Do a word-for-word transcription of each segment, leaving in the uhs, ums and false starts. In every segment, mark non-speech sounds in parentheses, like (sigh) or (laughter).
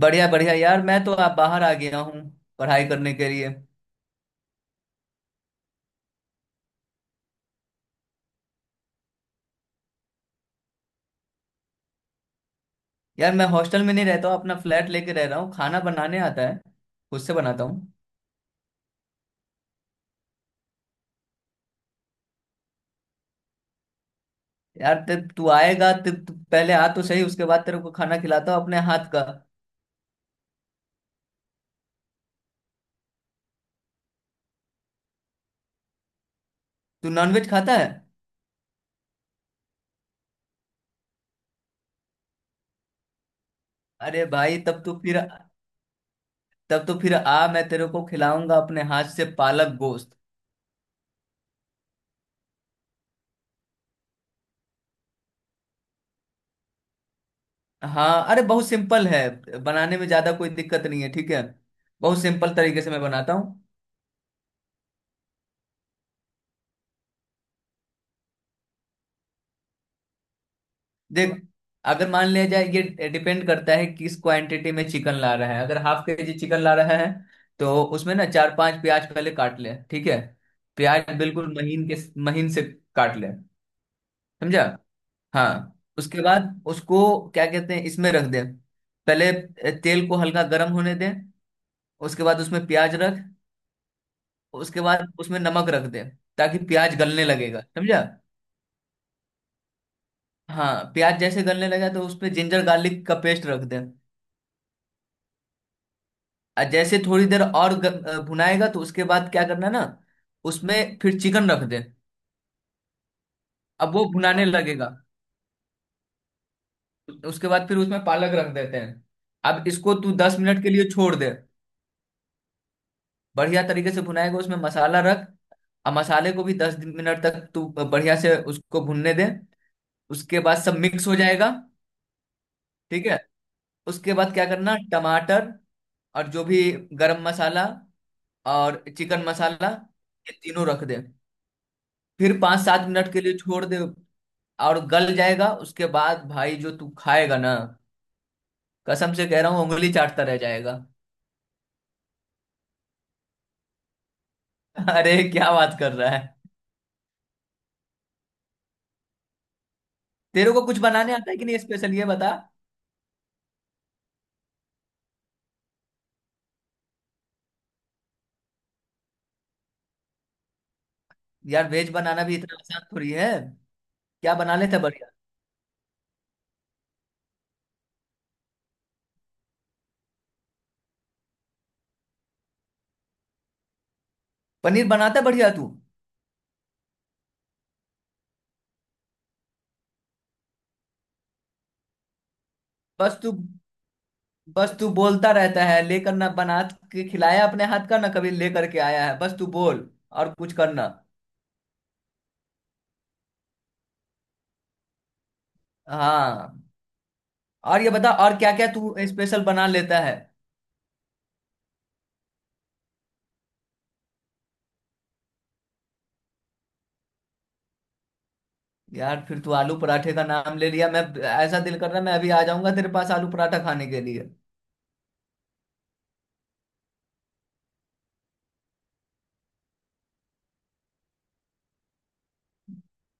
बढ़िया बढ़िया यार, मैं तो आप बाहर आ गया हूँ पढ़ाई करने के लिए। यार मैं हॉस्टल में नहीं रहता हूँ, अपना फ्लैट लेके रह रहा हूँ। खाना बनाने आता है, खुद से बनाता हूँ। यार तब तू आएगा, तब तू पहले आ तो सही, उसके बाद तेरे को खाना खिलाता हूँ अपने हाथ का। तू नॉनवेज खाता है? अरे भाई तब तो फिर, तब तो फिर आ, मैं तेरे को खिलाऊंगा अपने हाथ से पालक गोश्त। हाँ, अरे बहुत सिंपल है, बनाने में ज्यादा कोई दिक्कत नहीं है, ठीक है। बहुत सिंपल तरीके से मैं बनाता हूँ। देख, अगर मान लिया जाए, ये डिपेंड करता है किस क्वांटिटी में चिकन ला रहा है। अगर हाफ के जी चिकन ला रहा है तो उसमें ना चार पांच प्याज पहले काट ले, ठीक है। प्याज बिल्कुल महीन के महीन से काट ले। समझा? हाँ, उसके बाद उसको क्या कहते हैं, इसमें रख दे। पहले तेल को हल्का गर्म होने दे, उसके बाद उसमें प्याज रख। उसके बाद उसमें नमक रख दे, ताकि प्याज गलने लगेगा। समझा? हाँ, प्याज जैसे गलने लगा तो उसपे जिंजर गार्लिक का पेस्ट रख दे। अ, जैसे थोड़ी देर और ग- अ, भुनाएगा तो उसके बाद क्या करना ना, उसमें फिर चिकन रख दे। अब वो भुनाने लगेगा। उसके बाद फिर उसमें पालक रख देते हैं। अब इसको तू दस मिनट के लिए छोड़ दे। बढ़िया तरीके से भुनाएगा, उसमें मसाला रख। अब मसाले को भी दस मिनट तक तू बढ़िया से उसको भुनने दे। उसके बाद सब मिक्स हो जाएगा, ठीक है। उसके बाद क्या करना, टमाटर, और जो भी गरम मसाला और चिकन मसाला, ये तीनों रख दे। फिर पाँच सात मिनट के लिए छोड़ दे और गल जाएगा। उसके बाद भाई जो तू खाएगा ना, कसम से कह रहा हूँ, उंगली चाटता रह जाएगा। (laughs) अरे क्या बात कर रहा है। तेरे को कुछ बनाने आता है कि नहीं, स्पेशल ये बता। यार वेज बनाना भी इतना आसान थोड़ी है। क्या बना लेता है बढ़िया? पनीर बनाता है बढ़िया तू। बस तू बस तू बोलता रहता है, लेकर ना बना के खिलाया अपने हाथ का ना, कभी लेकर के आया है? बस तू बोल और कुछ करना। हाँ, और ये बता और क्या क्या तू स्पेशल बना लेता है? यार फिर तू आलू पराठे का नाम ले लिया, मैं ऐसा दिल कर रहा है मैं अभी आ जाऊंगा तेरे पास आलू पराठा खाने के लिए।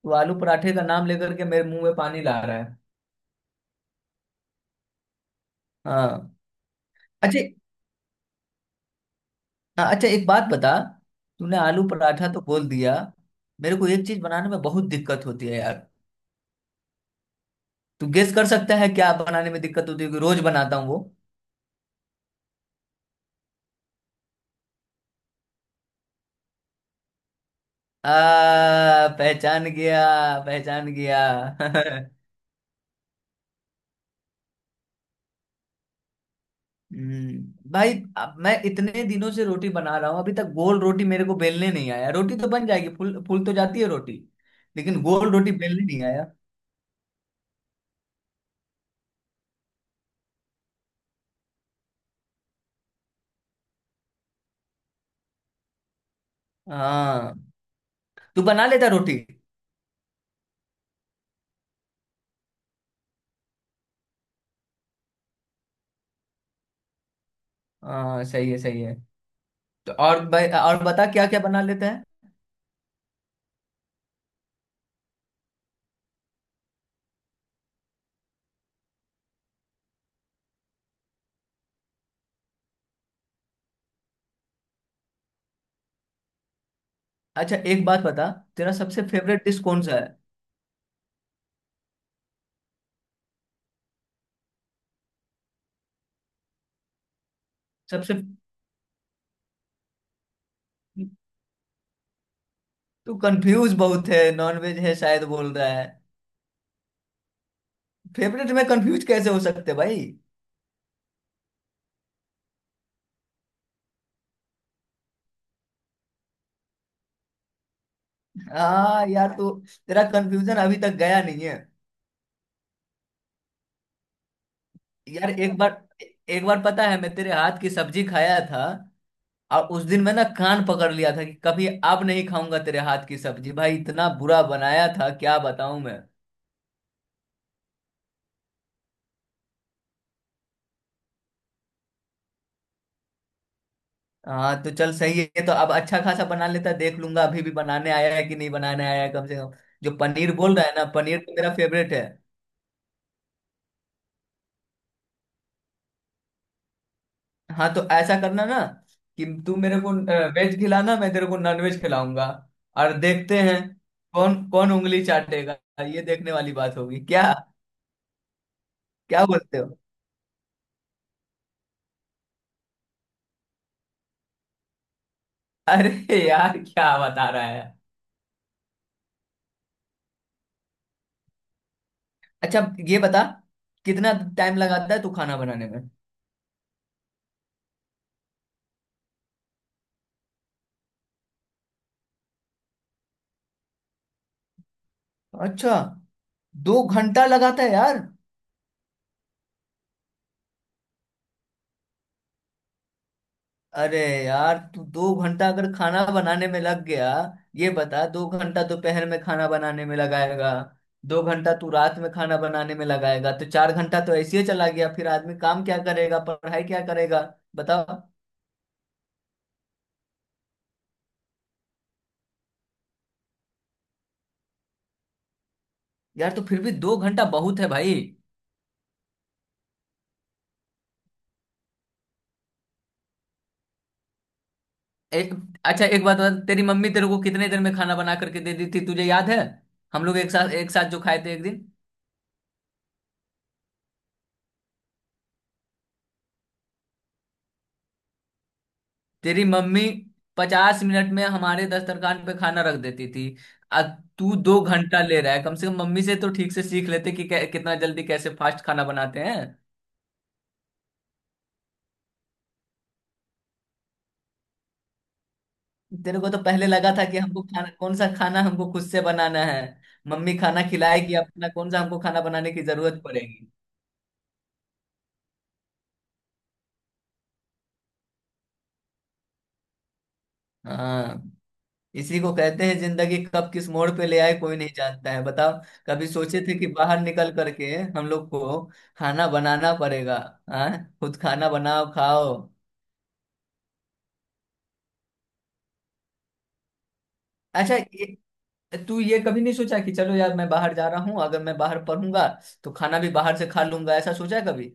तू आलू पराठे का नाम लेकर के मेरे मुंह में पानी ला रहा है। हाँ। अच्छा। हाँ, अच्छा, एक बात बता। तूने आलू पराठा तो बोल दिया, मेरे को एक चीज बनाने में बहुत दिक्कत होती है यार। तू गेस कर सकता है क्या बनाने में दिक्कत होती है, क्योंकि रोज बनाता हूँ वो। आ, पहचान गया। पहचान गया। (laughs) हम्म, भाई, अब मैं इतने दिनों से रोटी बना रहा हूँ, अभी तक गोल रोटी मेरे को बेलने नहीं आया। रोटी तो बन जाएगी, फूल फूल तो जाती है रोटी, लेकिन गोल रोटी बेलने नहीं आया। हाँ, तू बना लेता रोटी? हाँ, सही है सही है। तो और भाई और बता, क्या क्या बना लेते हैं? अच्छा एक बात बता, तेरा सबसे फेवरेट डिश कौन सा है? सबसे। तू कंफ्यूज बहुत है, नॉनवेज है शायद बोल रहा है। फेवरेट में कंफ्यूज कैसे हो सकते भाई? हाँ यार तू, तेरा कंफ्यूजन अभी तक गया नहीं है। यार एक बार एक बार पता है, मैं तेरे हाथ की सब्जी खाया था, और उस दिन मैं ना कान पकड़ लिया था कि कभी अब नहीं खाऊंगा तेरे हाथ की सब्जी। भाई इतना बुरा बनाया था, क्या बताऊं मैं। हाँ तो चल सही है, तो अब अच्छा खासा बना लेता, देख लूंगा अभी भी बनाने आया है कि नहीं बनाने आया है कम से कम। जो पनीर बोल रहा है ना, पनीर तो मेरा फेवरेट है। हाँ तो ऐसा करना ना कि तू मेरे को वेज खिलाना, मैं तेरे को नॉन वेज खिलाऊंगा, और देखते हैं कौन कौन उंगली चाटेगा। ये देखने वाली बात होगी। क्या क्या बोलते हो? अरे यार क्या बता रहा है। अच्छा ये बता, कितना टाइम लगाता है तू खाना बनाने में? अच्छा, दो घंटा लगाता है यार? अरे यार तू दो घंटा अगर खाना बनाने में लग गया, ये बता, दो घंटा दोपहर में खाना बनाने में लगाएगा, दो घंटा तू रात में खाना बनाने में लगाएगा, तो चार घंटा तो ऐसे ही चला गया। फिर आदमी काम क्या करेगा, पढ़ाई क्या करेगा, बताओ। यार तो फिर भी दो घंटा बहुत है भाई। एक अच्छा एक बात बता, तेरी मम्मी तेरे को कितने दिन में खाना बना करके दे दी थी, तुझे याद है? हम लोग एक साथ एक साथ जो खाए थे एक दिन। तेरी मम्मी पचास मिनट में हमारे दस्तरखान पे खाना रख देती थी। आ, तू दो घंटा ले रहा है, कम से कम मम्मी से तो ठीक से सीख लेते कि कै, कितना जल्दी, कैसे फास्ट खाना बनाते हैं। तेरे को तो पहले लगा था कि हमको खाना, कौन सा खाना हमको खुद से बनाना है, मम्मी खाना खिलाएगी अपना, कौन सा हमको खाना बनाने की जरूरत पड़ेगी। हाँ, इसी को कहते हैं जिंदगी, कब किस मोड़ पे ले आए कोई नहीं जानता है, बताओ। कभी सोचे थे कि बाहर निकल करके हम लोग को खाना बनाना पड़ेगा? हाँ, खुद खाना बनाओ खाओ। अच्छा ये- तू ये कभी नहीं सोचा कि चलो यार मैं बाहर जा रहा हूँ, अगर मैं बाहर पढ़ूंगा तो खाना भी बाहर से खा लूंगा, ऐसा सोचा है कभी?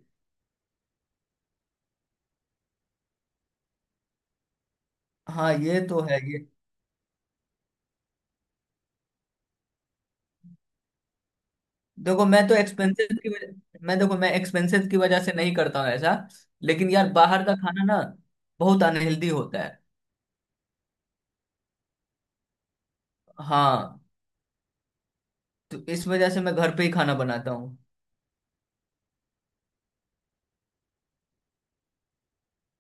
हाँ, ये तो है। ये देखो मैं तो एक्सपेंसेस की वजह मैं देखो, मैं एक्सपेंसेस की वजह से नहीं करता हूँ ऐसा। लेकिन यार बाहर का खाना ना बहुत अनहेल्दी होता है। हाँ, तो इस वजह से मैं घर पे ही खाना बनाता हूँ।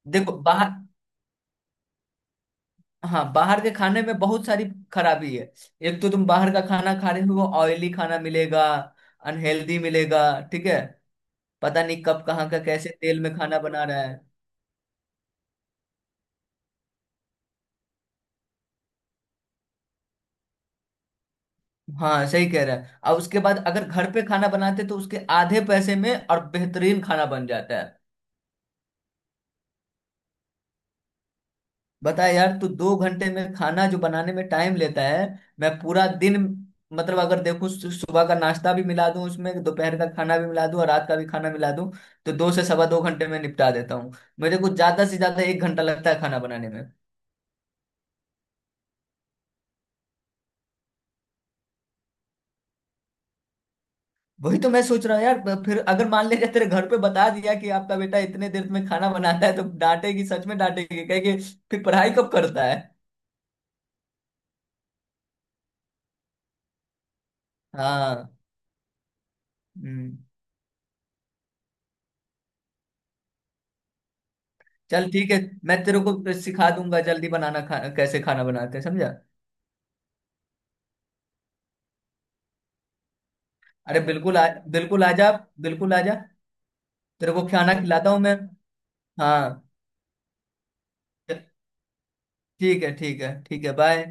देखो बाहर हाँ, बाहर के खाने में बहुत सारी खराबी है। एक तो तुम बाहर का खाना खा रहे हो, ऑयली खाना मिलेगा, अनहेल्दी मिलेगा, ठीक है। पता नहीं कब कहाँ का कैसे तेल में खाना बना रहा है। हाँ सही कह रहा है, और उसके बाद अगर घर पे खाना बनाते तो उसके आधे पैसे में और बेहतरीन खाना बन जाता है। बता यार, तू दो घंटे में खाना जो बनाने में टाइम लेता है, मैं पूरा दिन, मतलब अगर देखूं, सु- सुबह का नाश्ता भी मिला दूं उसमें, दोपहर का खाना भी मिला दूं, और रात का भी खाना मिला दूं, तो दो से सवा दो घंटे में निपटा देता हूँ। मेरे को ज्यादा से ज्यादा एक घंटा लगता है खाना बनाने में। वही तो मैं सोच रहा हूँ यार, ब- फिर अगर मान लीजिए तेरे घर पे बता दिया कि आपका बेटा इतने देर में खाना बनाता है तो डांटेगी, सच में डांटेगी, कहेगी फिर पढ़ाई कब करता है। हाँ। हम्म, चल ठीक है, मैं तेरे को सिखा दूंगा जल्दी बनाना, खा, कैसे खाना बनाते हैं, समझा। अरे बिल्कुल आ, बिल्कुल आ जा, बिल्कुल आ जा। तेरे को खाना खिलाता हूँ मैं। हाँ, ठीक है ठीक है ठीक है, बाय।